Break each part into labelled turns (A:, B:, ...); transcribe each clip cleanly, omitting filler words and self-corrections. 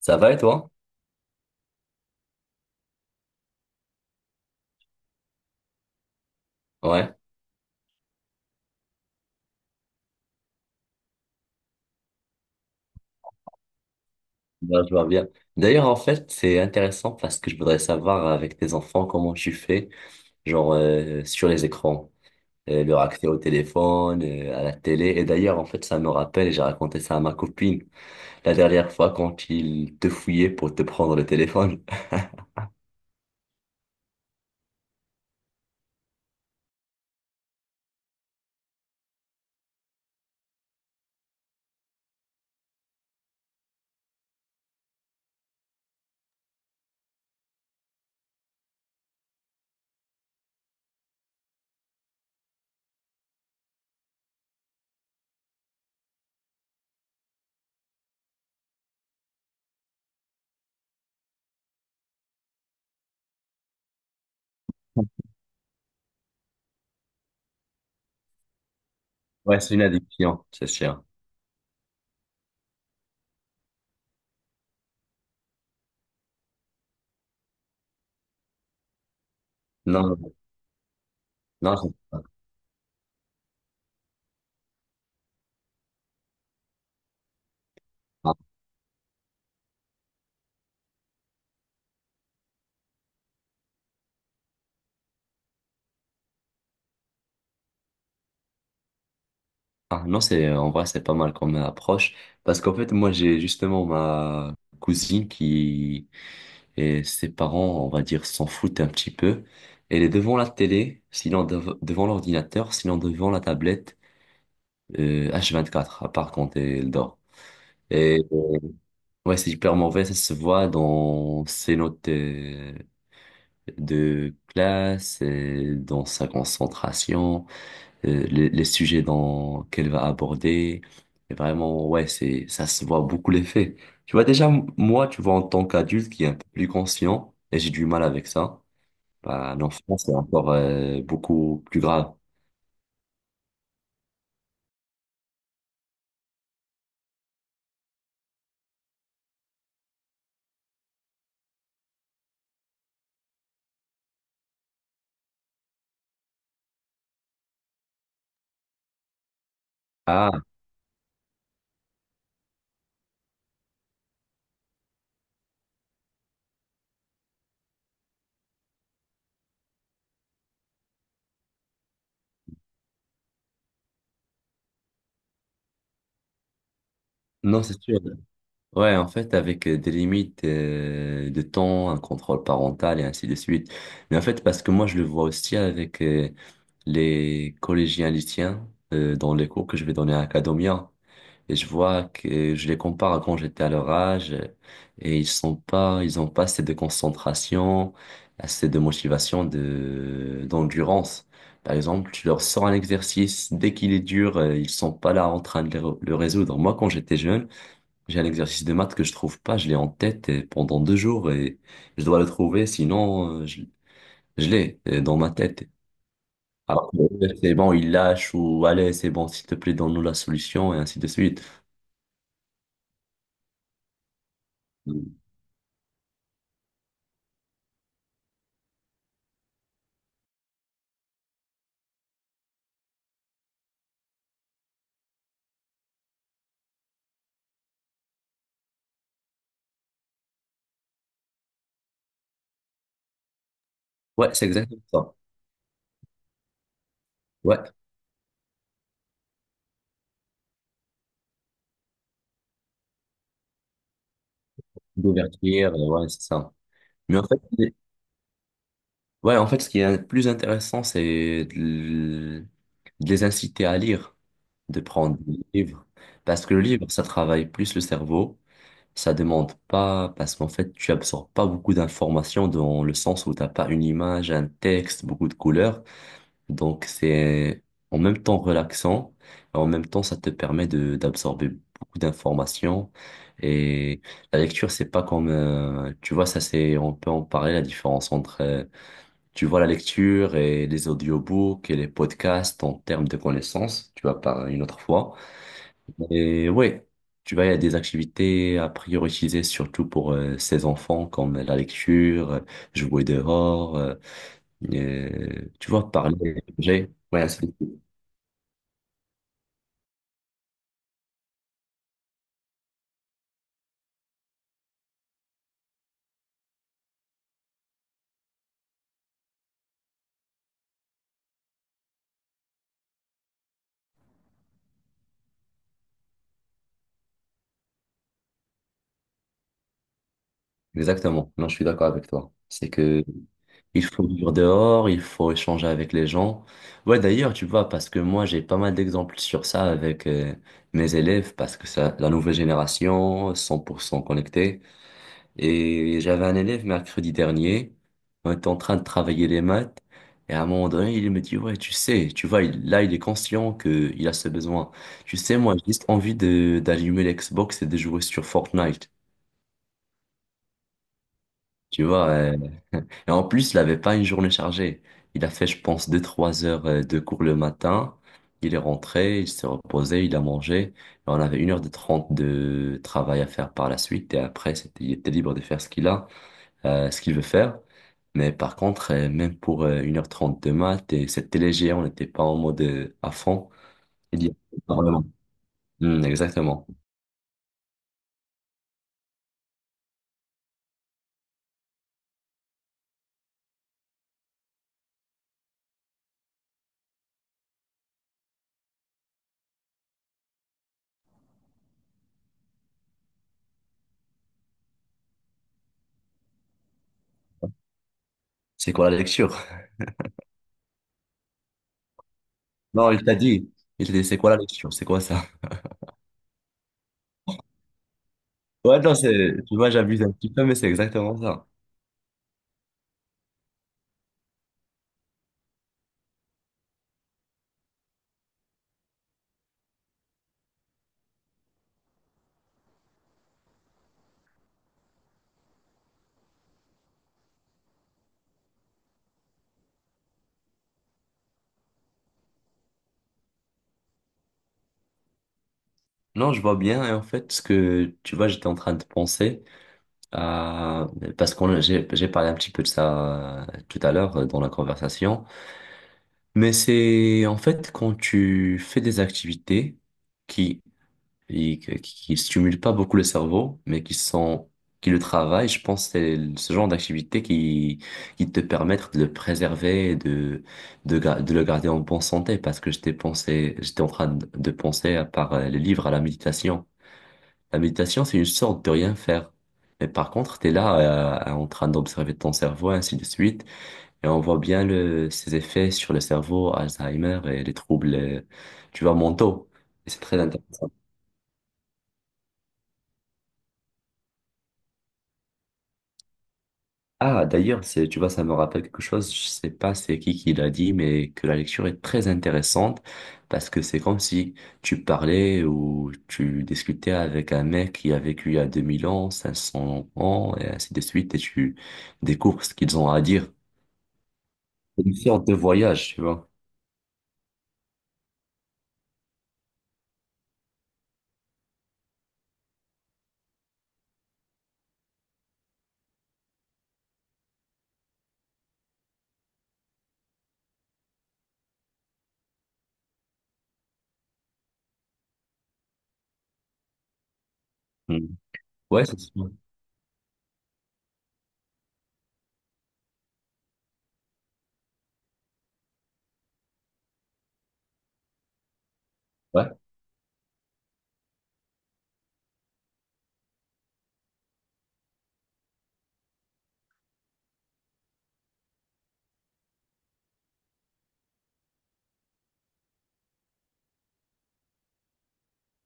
A: Ça va et toi? Ouais, ben, je vois bien. D'ailleurs, en fait, c'est intéressant parce que je voudrais savoir avec tes enfants comment tu fais, genre sur les écrans, leur accès au téléphone, à la télé. Et d'ailleurs, en fait, ça me rappelle, et j'ai raconté ça à ma copine la dernière fois quand ils te fouillaient pour te prendre le téléphone. Ouais, c'est une addiction, c'est sûr. Non, non, c'est pas- ah, ah, non, c'est en vrai, c'est pas mal comme approche parce qu'en fait, moi, j'ai justement ma cousine qui et ses parents, on va dire, s'en foutent un petit peu. Elle est devant la télé, sinon devant l'ordinateur, sinon devant la tablette, h quatre à part quand elle dort. Et ouais, c'est hyper mauvais, ça se voit dans ses notes de classe, et dans sa concentration, les sujets dans, qu'elle va aborder. Et vraiment, ouais, c'est, ça se voit beaucoup l'effet. Tu vois, déjà, moi, tu vois, en tant qu'adulte qui est un peu plus conscient, et j'ai du mal avec ça. Bah, en France, c'est encore beaucoup plus grave. Ah, non, c'est sûr. Ouais, en fait, avec des limites de temps, un contrôle parental et ainsi de suite. Mais en fait, parce que moi, je le vois aussi avec les collégiens lycéens dans les cours que je vais donner à Academia. Et je vois que je les compare à quand j'étais à leur âge et ils sont pas, ils ont pas assez de concentration, assez de motivation, d'endurance. Par exemple, tu leur sors un exercice, dès qu'il est dur, ils sont pas là en train de le résoudre. Moi, quand j'étais jeune, j'ai un exercice de maths que je trouve pas, je l'ai en tête pendant deux jours et je dois le trouver, sinon je l'ai dans ma tête. Alors que, c'est bon, ils lâchent ou allez, c'est bon, s'il te plaît, donne-nous la solution et ainsi de suite. Ouais, c'est exactement ça. Ouais, d'ouverture, ouais, c'est ça. Mais en fait, les- ouais, en fait, ce qui est le plus intéressant, c'est de les inciter à lire, de prendre des livres. Parce que le livre, ça travaille plus le cerveau, ça demande pas, parce qu'en fait, tu absorbes pas beaucoup d'informations dans le sens où t'as pas une image, un texte, beaucoup de couleurs. Donc, c'est en même temps relaxant et en même temps, ça te permet de d'absorber beaucoup d'informations. Et la lecture, c'est pas comme, tu vois, ça c'est, on peut en parler, la différence entre, tu vois, la lecture et les audiobooks et les podcasts en termes de connaissances, tu vas par une autre fois. Et ouais, tu vois, il y a des activités à prioriser, surtout pour ces enfants, comme la lecture, jouer dehors, et, tu vois, parler. Ouais, exactement. Non, je suis d'accord avec toi. C'est que il faut vivre dehors, il faut échanger avec les gens. Ouais, d'ailleurs, tu vois, parce que moi, j'ai pas mal d'exemples sur ça avec mes élèves, parce que ça, la nouvelle génération, 100% connectée. Et j'avais un élève mercredi dernier, on était en train de travailler les maths, et à un moment donné, il me dit, ouais, tu sais, tu vois, là, il est conscient que il a ce besoin. Tu sais, moi, j'ai juste envie de d'allumer l'Xbox et de jouer sur Fortnite. Tu vois, et en plus, il n'avait pas une journée chargée. Il a fait, je pense, deux-trois heures de cours le matin. Il est rentré, il s'est reposé, il a mangé. Et on avait une heure de 30 de travail à faire par la suite. Et après, c'était, il était libre de faire ce qu'il a, ce qu'il veut faire. Mais par contre, même pour 1h30 de maths, et c'était léger, on n'était pas en mode à fond. Vraiment. Hmm, exactement. C'est quoi la lecture? Non, il t'a dit. Il t'a dit, c'est quoi la lecture? C'est quoi ça? Ouais, non, c'est, tu vois, j'abuse un petit peu, mais c'est exactement ça. Non, je vois bien. Et en fait, ce que tu vois, j'étais en train de penser à parce qu'on j'ai parlé un petit peu de ça tout à l'heure dans la conversation. Mais c'est en fait quand tu fais des activités qui qui stimulent pas beaucoup le cerveau, mais qui sont qui le travaillent. Je pense que c'est ce genre d'activités qui te permettent de le préserver, et de le garder en bonne santé. Parce que j'étais pensé, j'étais en train de penser à part les livres à la méditation. La méditation, c'est une sorte de rien faire. Mais par contre, t'es là, en train d'observer ton cerveau, ainsi de suite, et on voit bien le, ses effets sur le cerveau, Alzheimer et les troubles, tu vois, mentaux. Et c'est très intéressant. Ah, d'ailleurs, c'est, tu vois, ça me rappelle quelque chose, je sais pas c'est qui l'a dit, mais que la lecture est très intéressante parce que c'est comme si tu parlais ou tu discutais avec un mec qui a vécu il y a 2000 ans, 500 ans, et ainsi de suite, et tu découvres ce qu'ils ont à dire. C'est une sorte de voyage, tu vois. Mm. Ouais, c'est sûr. Ouais.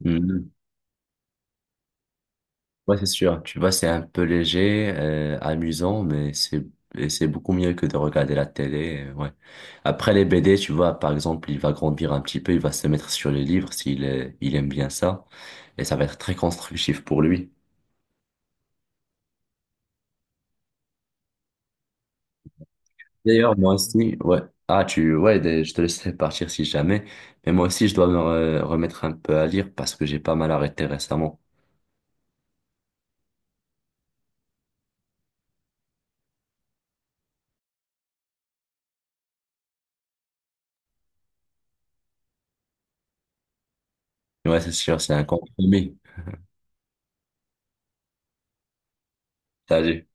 A: Mm. Ouais, c'est sûr. Tu vois, c'est un peu léger, amusant, mais c'est et c'est beaucoup mieux que de regarder la télé. Ouais. Après les BD, tu vois, par exemple, il va grandir un petit peu, il va se mettre sur les livres il aime bien ça, et ça va être très constructif pour lui. D'ailleurs, moi aussi, ouais. Ah, tu, ouais, je te laisserai partir si jamais. Mais moi aussi, je dois me remettre un peu à lire parce que j'ai pas mal arrêté récemment. Ouais, c'est sûr, c'est un compromis. Salut.